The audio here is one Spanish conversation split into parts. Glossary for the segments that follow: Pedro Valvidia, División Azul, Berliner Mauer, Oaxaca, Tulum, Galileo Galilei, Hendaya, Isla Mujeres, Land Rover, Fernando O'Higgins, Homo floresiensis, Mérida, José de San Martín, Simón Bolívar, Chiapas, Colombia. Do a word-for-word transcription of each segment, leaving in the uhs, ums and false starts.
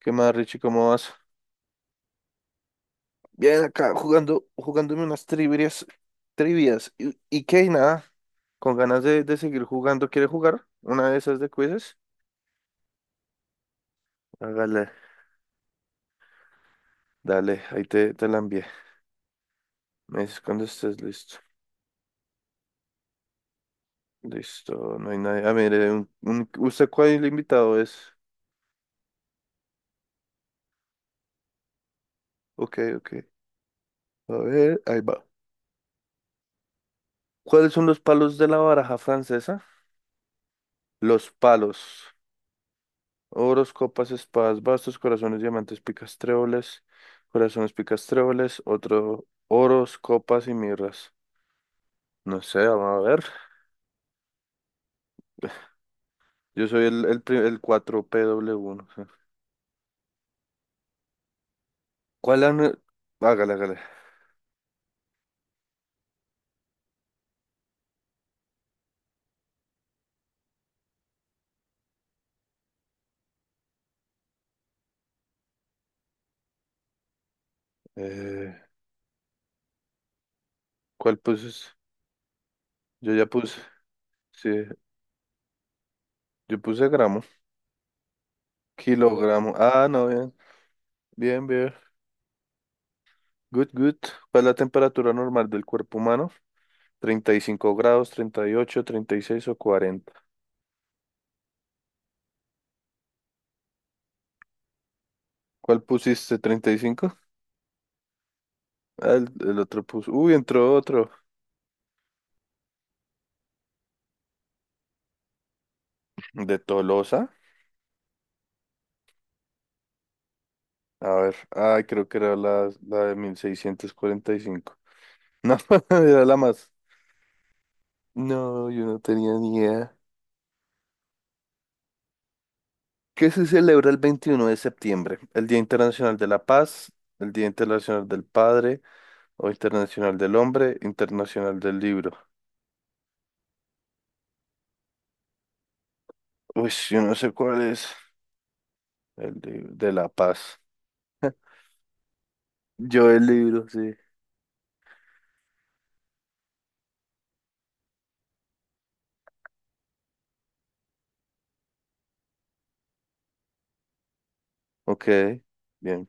¿Qué más, Richie? ¿Cómo vas? Bien, acá jugando, jugándome unas trivias, trivias. ¿Y, y qué? Y nada, con ganas de, de seguir jugando. ¿Quieres jugar una de esas de quizzes? Hágale, dale, ahí te, te la envié. Me dices cuando estés listo. Listo, no hay nadie. Ah, mire, un, un- ¿usted cuál invitado es? Ok, ok. A ver, ahí va. ¿Cuáles son los palos de la baraja francesa? Los palos. Oros, copas, espadas, bastos, corazones, diamantes, picas, tréboles, corazones, picas, tréboles, otro, oros, copas y mirras. No sé, vamos a ver. Yo soy el, el, pri- el cuatro P W uno. Sí. ¿Cuál han... Hágale, hágale. Eh, ¿cuál puse? Yo ya puse. Sí, yo puse gramo. Kilogramo. Ah, no, bien. Bien, bien. Good, good. ¿Cuál es la temperatura normal del cuerpo humano? Treinta y cinco grados, treinta treinta y ocho treinta y seis o cuarenta. ¿Cuál pusiste? ¿Treinta y cinco? Ah, El, el otro puso. Uy, entró otro. De Tolosa. A ver. Ay, creo que era la, la de mil seiscientos cuarenta y cinco. No, era la más. No, yo no tenía ni idea. ¿Qué se celebra el veintiuno de septiembre? El Día Internacional de la Paz, el Día Internacional del Padre, o Internacional del Hombre, Internacional del Libro. Uy, yo no sé cuál es. El lib- de la Paz. Yo el libro, sí. Ok, bien.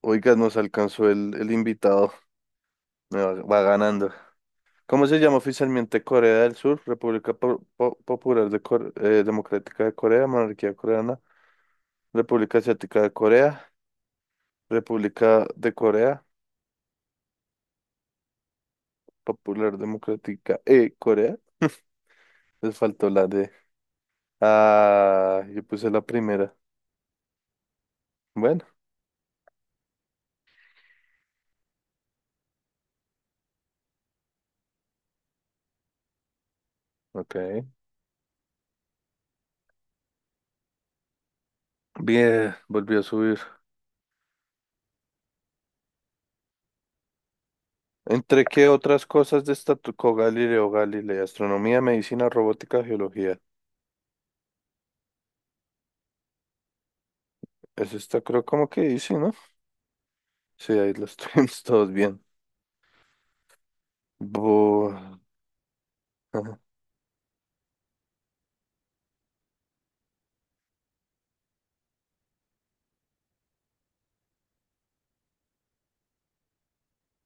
Oiga, nos alcanzó el, el invitado. Me va va ganando. ¿Cómo se llama oficialmente Corea del Sur? República Po- Po- Popular de Cor- eh, Democrática de Corea, Monarquía Coreana, República Asiática de Corea, República de Corea, Popular Democrática de Corea. Les faltó la de... Ah, yo puse la primera. Bueno, ok. Bien, volvió a subir. ¿Entre qué otras cosas destacó Galileo Galilei? Astronomía, medicina, robótica, geología. Eso está, creo, como que dice, ¿no? Sí, ahí lo estuvimos todos bien. Bu-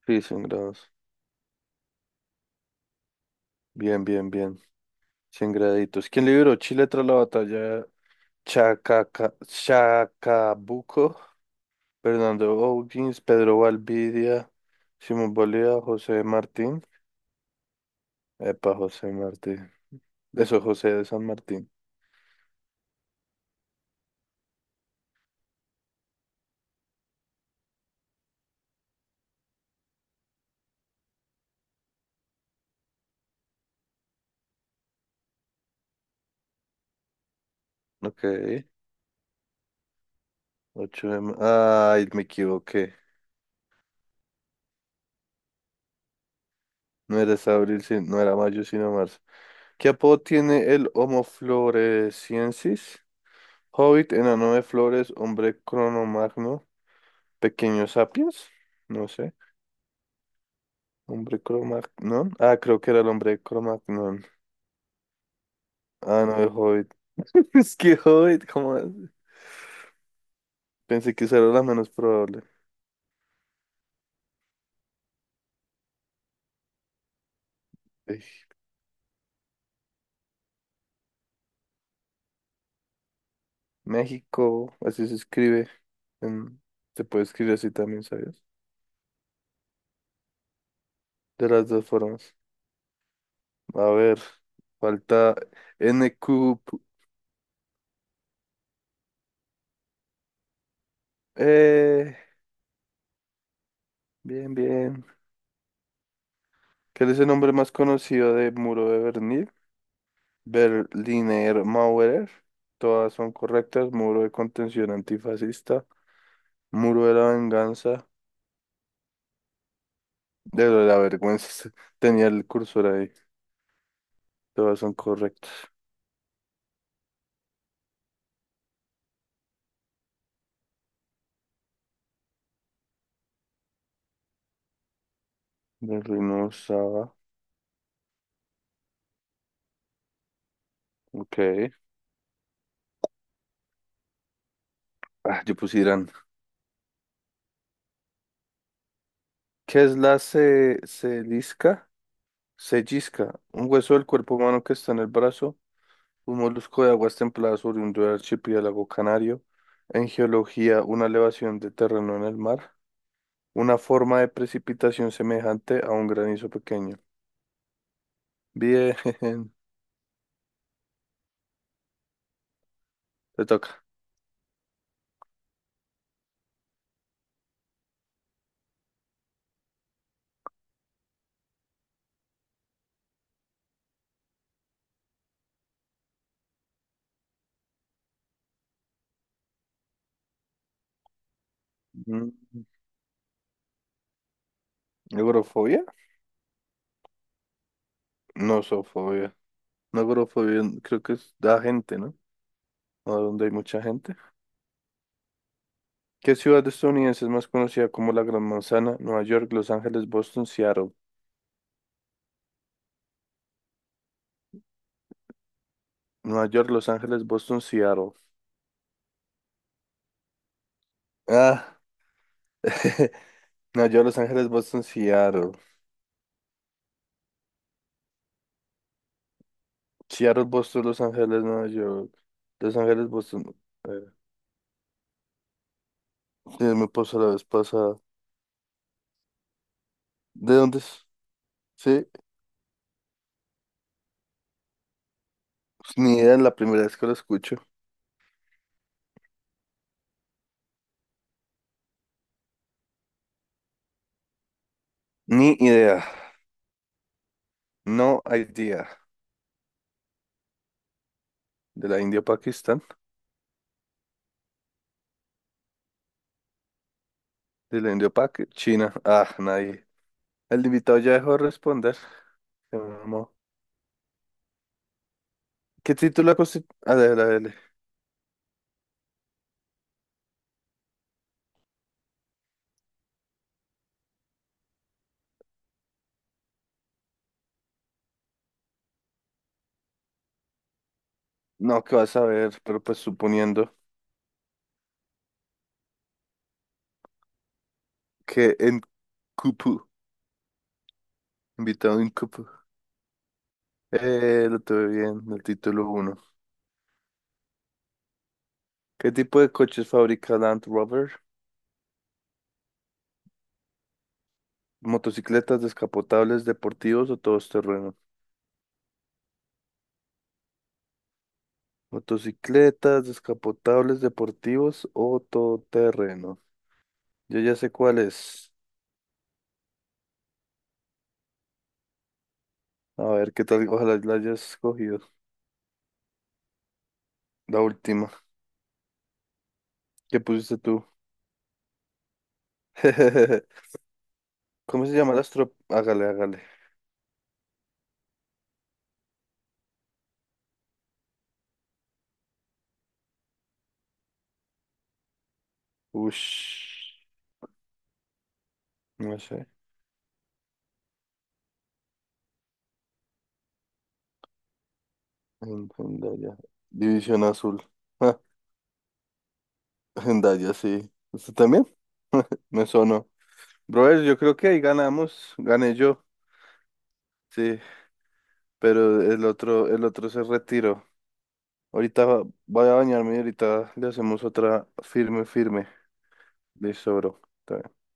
Sí, cien grados. Bien, bien, bien. Cien graditos. ¿Quién libró Chile tras la batalla Chacaca- Chacabuco? Fernando O'Higgins, Pedro Valvidia, Simón Bolívar, José Martín. Epa, José Martín. Eso, José de San Martín. Ok. Ocho de ma- Ay, me equivoqué. No era hasta abril, si- no era mayo, sino marzo. ¿Qué apodo tiene el Homo floresiensis? Hobbit, enano de flores, hombre cronomagno. Pequeños sapiens, no sé. Hombre Cromagnon. Ah, creo que era el hombre Cromagnon. Ah, no, el Hobbit. Es que Hobbit, ¿cómo es? Pensé que esa era la menos probable. Ey, México, así se escribe. En- Se puede escribir así también, ¿sabes? De las dos formas. A ver, falta N Q. Eh, bien, bien. ¿Cuál es el nombre más conocido de Muro de Berlín? Berliner Mauer, todas son correctas, muro de contención antifascista, muro de la venganza, de la vergüenza, tenía el cursor ahí, todas son correctas. Berliner Saba, ok. Ah, yo puse Irán. ¿Qué es la ce- ¿Celisca? Cellisca, un hueso del cuerpo humano que está en el brazo, un molusco de aguas templadas oriundo del archipiélago canario, en geología, una elevación de terreno en el mar. Una forma de precipitación semejante a un granizo pequeño. Bien, te toca. Mm, ¿agrofobia? No, zoofobia. No, agrofobia creo que es da gente, ¿no? O donde hay mucha gente. ¿Qué ciudad estadounidense es más conocida como la Gran Manzana? Nueva York, Los Ángeles, Boston, Seattle. Nueva York, Los Ángeles, Boston, Seattle. Ah, Nueva York, Los Ángeles, Boston, Seattle. Seattle, Boston, Los Ángeles, Nueva York. Los Ángeles, Boston. eh, sí, me pasó la vez pasada. ¿De dónde es? Sí, pues, ni idea, es la primera vez que lo escucho. Ni idea. No idea. De la India, Pakistán. De la India, Pak- China. Ah, nadie. El invitado ya dejó de responder. Se mamó. ¿Qué título constituye? A ver, a ver. No, que vas a ver, pero pues suponiendo que en Cupu, invitado en Cupu. Eh, lo tuve bien, el título uno. ¿Qué tipo de coches fabrica Land Rover? ¿Motocicletas, descapotables, deportivos o todoterreno? Motocicletas, descapotables, deportivos o todoterreno. Yo ya sé cuál es. A ver, qué tal, ojalá la hayas cogido. La última. ¿Qué pusiste tú? ¿Cómo se llama la astro...? Hágale, hágale. Ush. No sé. En- Hendaya. División Azul. Ah, Hendaya, sí. ¿Usted también? Me sonó. Brother, yo creo que ahí ganamos. Gané yo. Sí. Pero el otro, el otro se retiró. Ahorita voy a bañarme y ahorita le hacemos otra firme, firme. Listo, bro. Está bien.